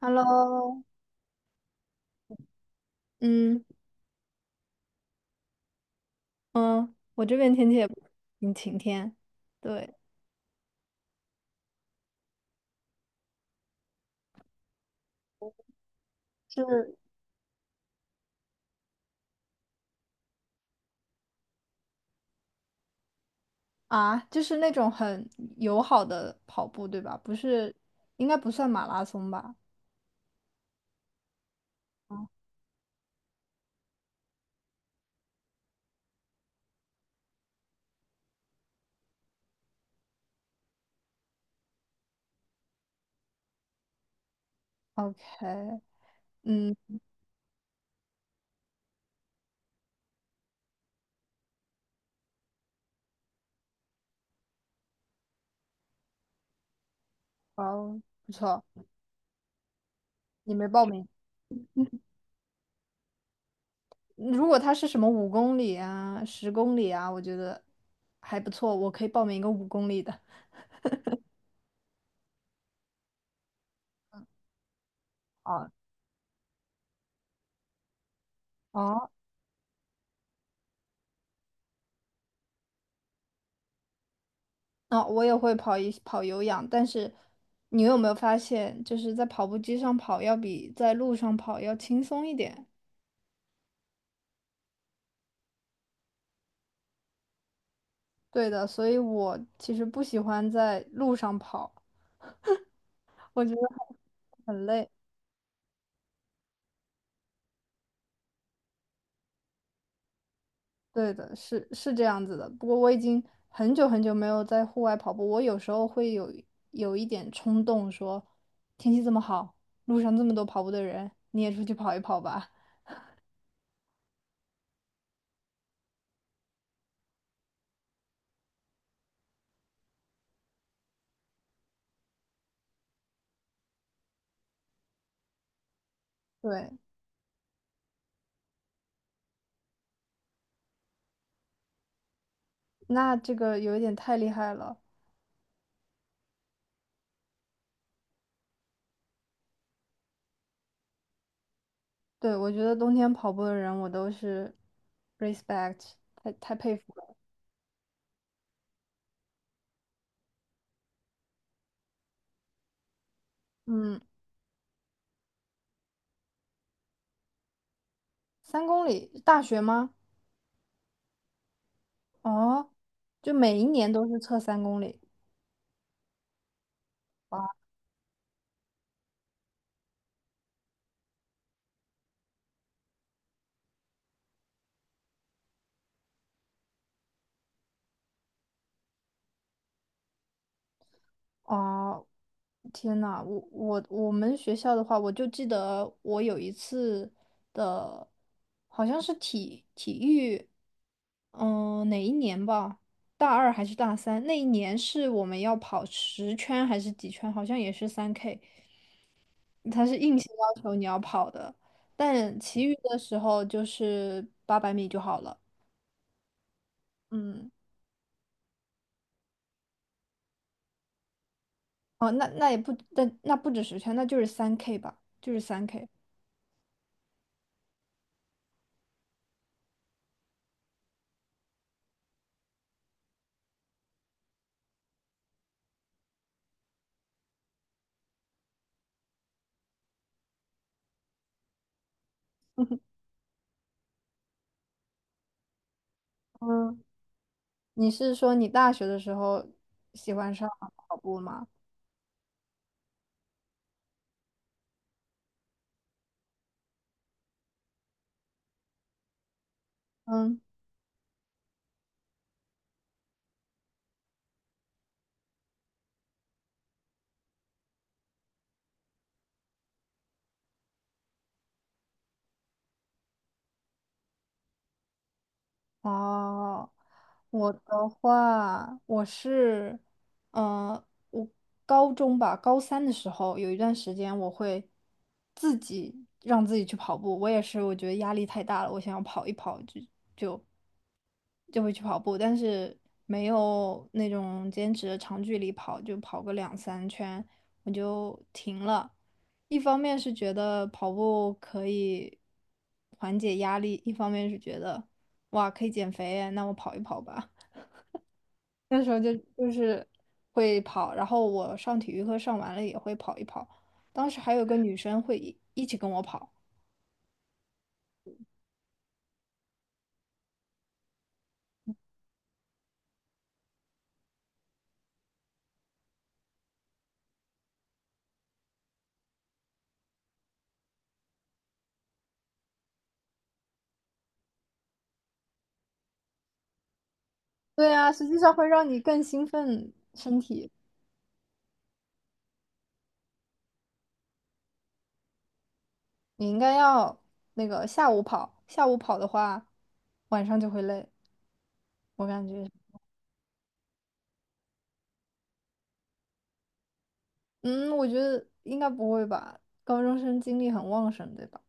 Hello，嗯嗯，我这边天气也挺晴天，对，是啊，就是那种很友好的跑步，对吧？不是，应该不算马拉松吧？OK，嗯，哦，不错，你没报名。如果他是什么五公里啊、10公里啊，我觉得还不错，我可以报名一个五公里的。啊，哦哦，我也会跑一跑有氧，但是你有没有发现，就是在跑步机上跑要比在路上跑要轻松一点？对的，所以我其实不喜欢在路上跑，我觉得很累。对的，是是这样子的。不过我已经很久很久没有在户外跑步，我有时候会有一点冲动说，天气这么好，路上这么多跑步的人，你也出去跑一跑吧。对，那这个有一点太厉害了。对，我觉得冬天跑步的人，我都是 respect，太佩服了。嗯，三公里，大学吗？哦，就每一年都是测三公里。啊！哦，天呐，我们学校的话，我就记得我有一次的，好像是体育，嗯、哪一年吧？大二还是大三？那一年是我们要跑十圈还是几圈？好像也是三 K。它是硬性要求你要跑的，但其余的时候就是800米就好了。嗯，哦，那那也不，但那不止十圈，那就是三 K 吧，就是3K。嗯，你是说你大学的时候喜欢上跑步吗？嗯。哦，我的话，我是，呃，我高中吧，高三的时候有一段时间，我会自己让自己去跑步。我也是，我觉得压力太大了，我想要跑一跑，就会去跑步，但是没有那种坚持的长距离跑，就跑个两三圈我就停了。一方面是觉得跑步可以缓解压力，一方面是觉得哇可以减肥，那我跑一跑吧。那时候就是会跑，然后我上体育课上完了也会跑一跑。当时还有个女生会一起跟我跑。对啊，实际上会让你更兴奋身体。你应该要那个下午跑，下午跑的话，晚上就会累，我感觉。嗯，我觉得应该不会吧，高中生精力很旺盛，对吧？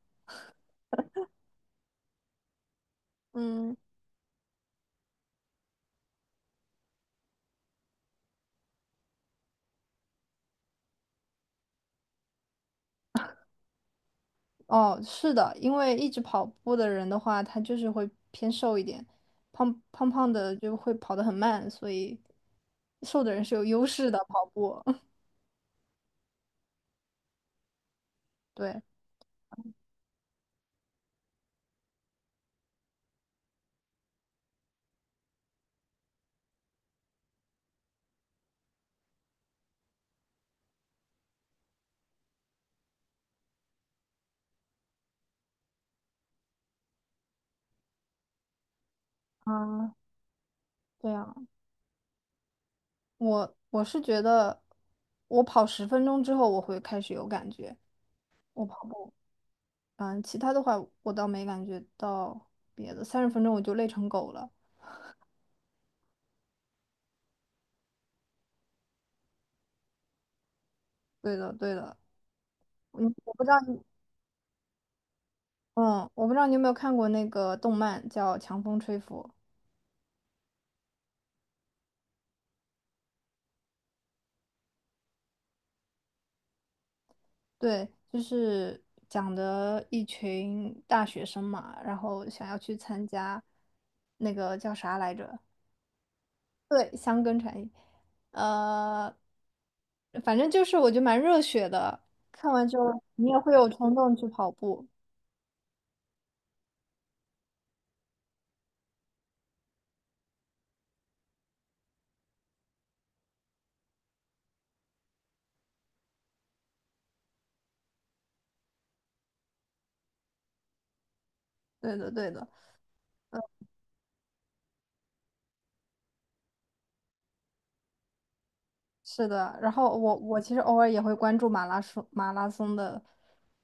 嗯，哦，是的，因为一直跑步的人的话，他就是会偏瘦一点，胖胖的就会跑得很慢，所以瘦的人是有优势的跑步。对。啊，对啊，我是觉得，我跑十分钟之后我会开始有感觉，我跑步。嗯，其他的话我倒没感觉到别的，30分钟我就累成狗了。对的，对的，嗯，我不知道你，嗯，我不知道你有没有看过那个动漫叫《强风吹拂》，对，就是讲的一群大学生嘛，然后想要去参加那个叫啥来着？对，香根产业，呃，反正就是我觉得蛮热血的，看完之后你也会有冲动去跑步。对的，对的。是的，然后我其实偶尔也会关注马拉松的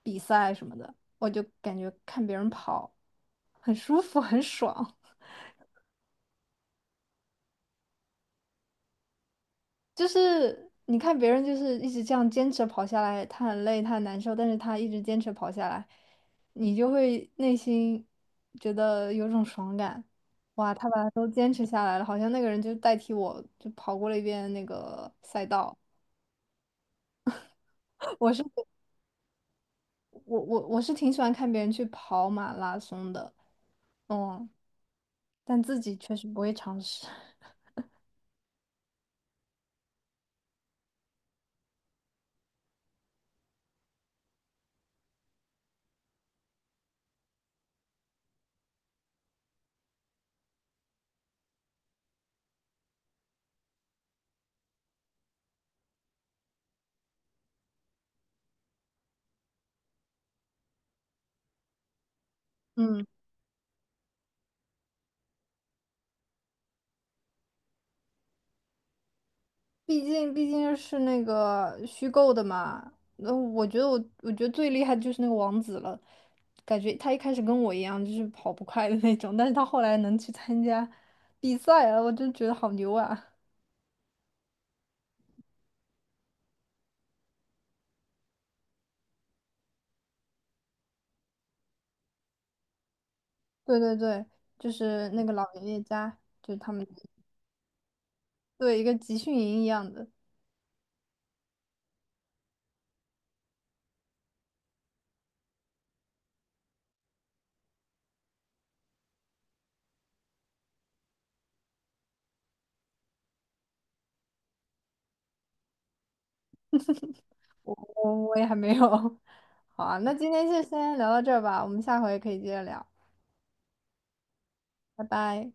比赛什么的，我就感觉看别人跑很舒服，很爽。就是你看别人就是一直这样坚持跑下来，他很累，他很难受，但是他一直坚持跑下来，你就会内心觉得有种爽感。哇，他把它都坚持下来了，好像那个人就代替我，就跑过了一遍那个赛道。我是我我是挺喜欢看别人去跑马拉松的。哦，但自己确实不会尝试，嗯，毕竟是那个虚构的嘛。那我觉得最厉害的就是那个王子了，感觉他一开始跟我一样就是跑不快的那种，但是他后来能去参加比赛了，我就觉得好牛啊！对对对，就是那个老爷爷家，就是他们对一个集训营一样的，我我也还没有。好啊，那今天就先聊到这儿吧，我们下回可以接着聊，拜拜。